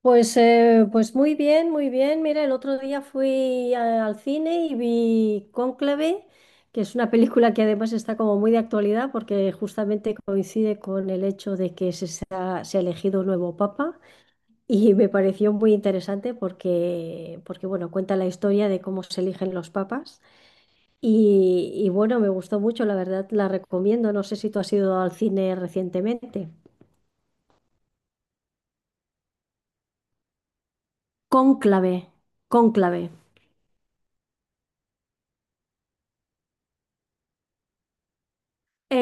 Pues muy bien, muy bien. Mira, el otro día al cine y vi Cónclave, que es una película que además está como muy de actualidad porque justamente coincide con el hecho de que se ha elegido un nuevo papa y me pareció muy interesante porque bueno, cuenta la historia de cómo se eligen los papas y bueno, me gustó mucho, la verdad la recomiendo. No sé si tú has ido al cine recientemente. Cónclave, Cónclave.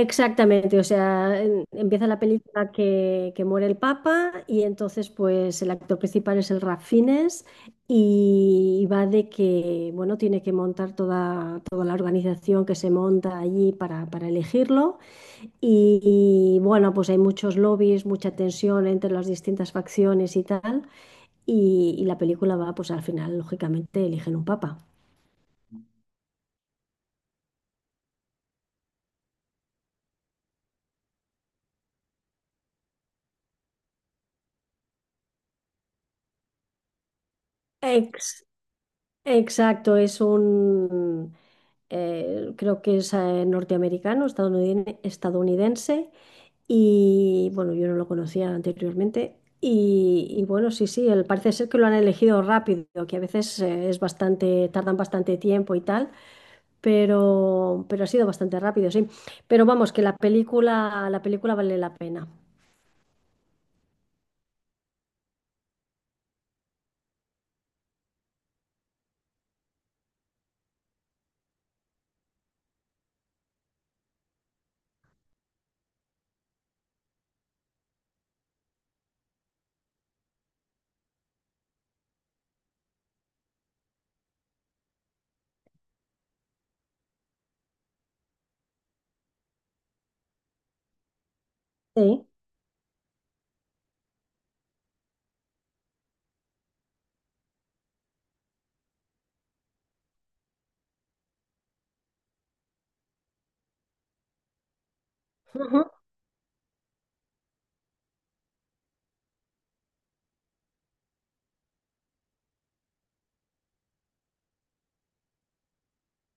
Exactamente, o sea, empieza la película que muere el Papa y entonces pues el actor principal es el Ralph Fiennes y va de que, bueno, tiene que montar toda la organización que se monta allí para elegirlo y, bueno, pues hay muchos lobbies, mucha tensión entre las distintas facciones y tal y la película va pues al final, lógicamente, eligen un Papa. Exacto, creo que es norteamericano, estadounidense, y bueno, yo no lo conocía anteriormente. Bueno, sí, sí, él parece ser que lo han elegido rápido, que a veces es bastante, tardan bastante tiempo y tal, pero ha sido bastante rápido, sí. Pero vamos, que la película vale la pena. Sí. Ujú.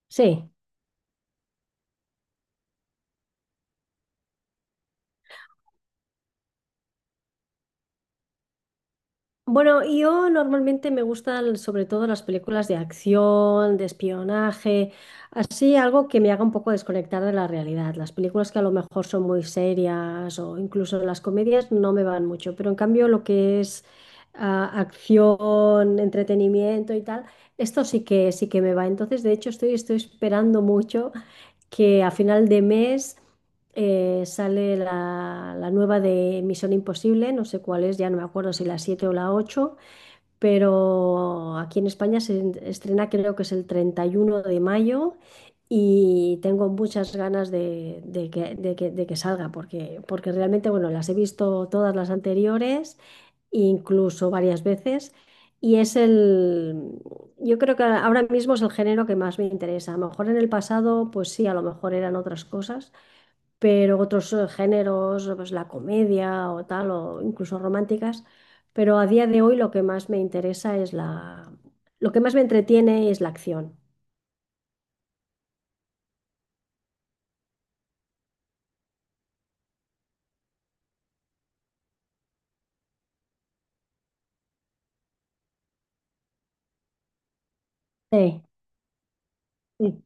Sí. Bueno, yo normalmente me gustan sobre todo las películas de acción, de espionaje, así algo que me haga un poco desconectar de la realidad. Las películas que a lo mejor son muy serias o incluso las comedias no me van mucho, pero en cambio lo que es acción, entretenimiento y tal, esto sí que me va. Entonces, de hecho, estoy esperando mucho que a final de mes sale la nueva de Misión Imposible, no sé cuál es, ya no me acuerdo si la 7 o la 8, pero aquí en España estrena creo que es el 31 de mayo y tengo muchas ganas de que salga, porque realmente, bueno, las he visto todas las anteriores, incluso varias veces. Y es el, yo creo que ahora mismo es el género que más me interesa. A lo mejor en el pasado, pues sí, a lo mejor eran otras cosas, pero otros géneros, pues la comedia o tal, o incluso románticas, pero a día de hoy lo que más me entretiene es la acción. Sí, sí,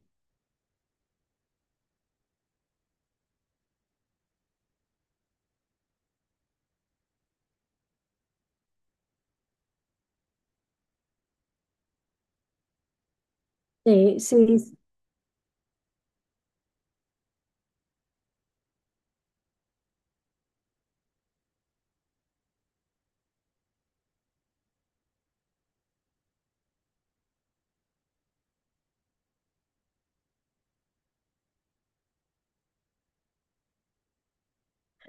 sí, sí,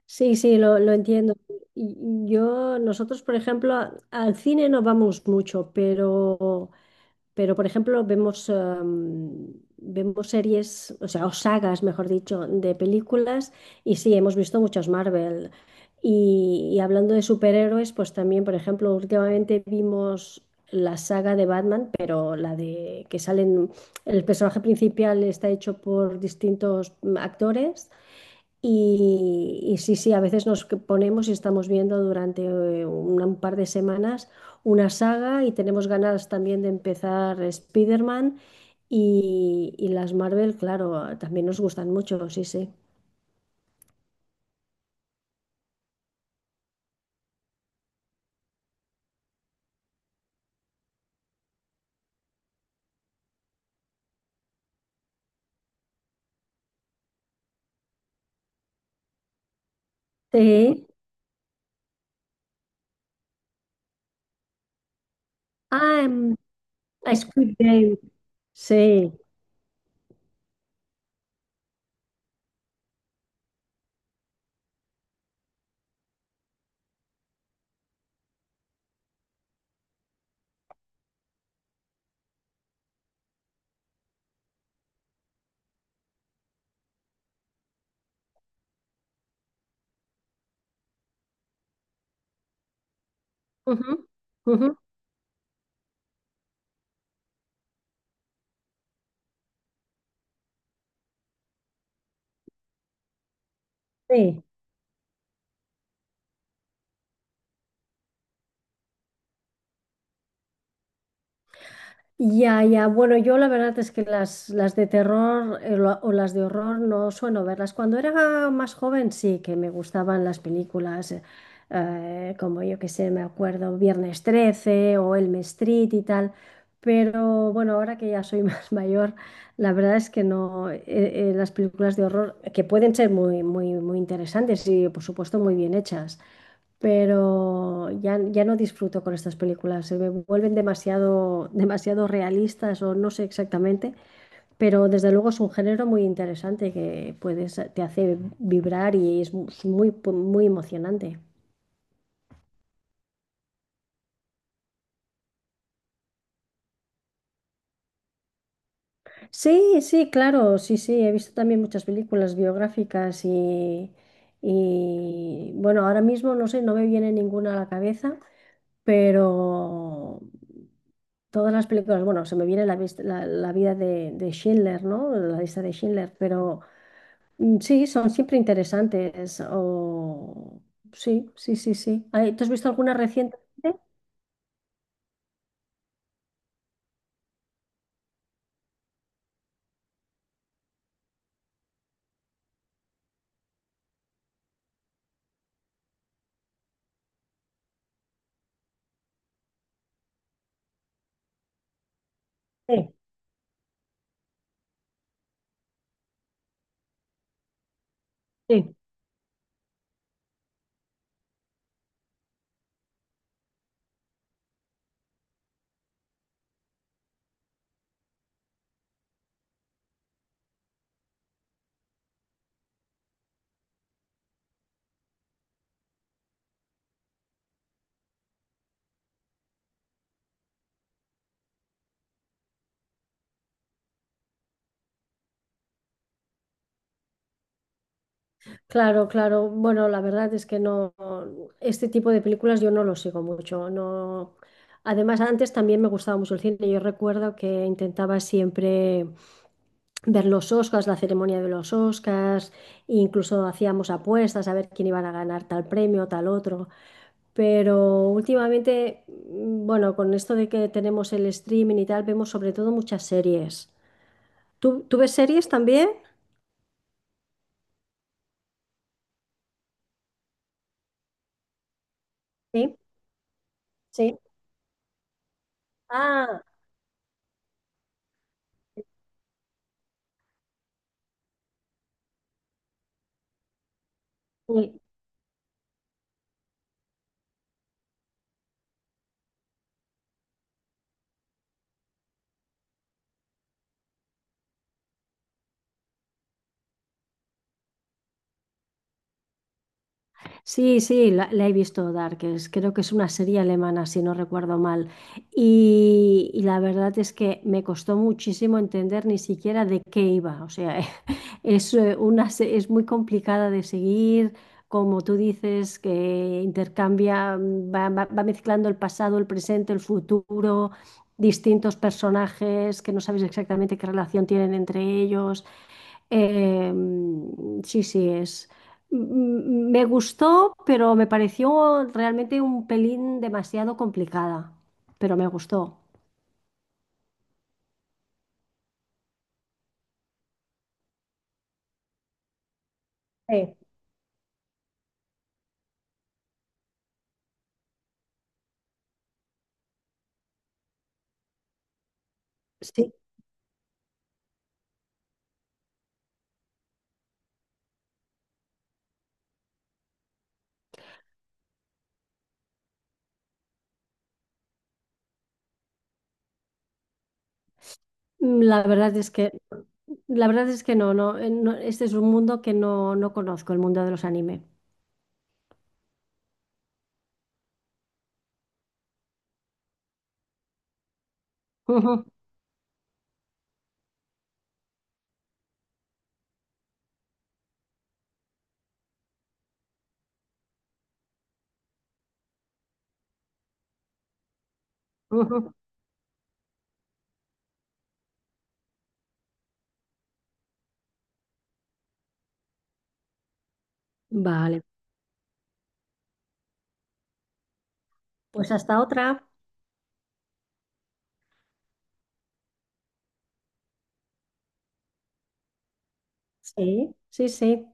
sí, sí, lo entiendo. Yo, nosotros, por ejemplo, al cine no vamos mucho, pero, por ejemplo, vemos, vemos series, o sea, o sagas, mejor dicho, de películas, y sí, hemos visto muchas Marvel. Y hablando de superhéroes, pues también, por ejemplo, últimamente vimos la saga de Batman, pero la de que salen, el personaje principal está hecho por distintos actores y sí, sí, a veces ponemos y estamos viendo durante un par de semanas una saga y tenemos ganas también de empezar Spider-Man y las Marvel, claro, también nos gustan mucho, sí, sí. Sí. Ah, a Squid Game. Sí. Ujú, ujú, sí. Ya, ya. Bueno, yo la verdad es que las de terror o las de horror no suelo verlas. Cuando era más joven sí que me gustaban las películas, como yo que sé, me acuerdo, Viernes 13 o Elm Street y tal. Pero bueno, ahora que ya soy más mayor, la verdad es que no, las películas de horror, que pueden ser muy, muy, muy interesantes y por supuesto muy bien hechas, pero ya no disfruto con estas películas, se me vuelven demasiado, demasiado realistas o no sé exactamente, pero desde luego es un género muy interesante que puedes, te hace vibrar y es es muy, muy emocionante. Sí, sí, claro, sí, sí, he visto también muchas películas biográficas y bueno, ahora mismo no sé, no me viene ninguna a la cabeza, pero todas las películas, bueno, se me viene la vida de Schindler, ¿no? La lista de Schindler, pero sí, son siempre interesantes. O... Sí, sí, sí, sí. Ay, ¿tú has visto alguna reciente? Sí, sí. Claro, claro. Bueno, la verdad es que no, este tipo de películas yo no lo sigo mucho. No. Además, antes también me gustaba mucho el cine. Yo recuerdo que intentaba siempre ver los Oscars, la ceremonia de los Oscars, e incluso hacíamos apuestas a ver quién iban a ganar tal premio, tal otro. Pero últimamente, bueno, con esto de que tenemos el streaming y tal, vemos sobre todo muchas series. Tú ves series también? Sí, sí. Ah, sí. Sí, sí, la he visto Dark, es creo que es una serie alemana, si no recuerdo mal. Y la verdad es que me costó muchísimo entender ni siquiera de qué iba. O sea, es, es muy complicada de seguir. Como tú dices, que intercambia, va mezclando el pasado, el presente, el futuro, distintos personajes que no sabes exactamente qué relación tienen entre ellos. Sí, sí, es. Me gustó, pero me pareció realmente un pelín demasiado complicada, pero me gustó. Sí. Sí, mm, la verdad es que, la verdad es que no, no, no, este es un mundo que no, no conozco, el mundo de los anime. Ujú, ujú. Vale, pues hasta otra. Sí, sí, sí.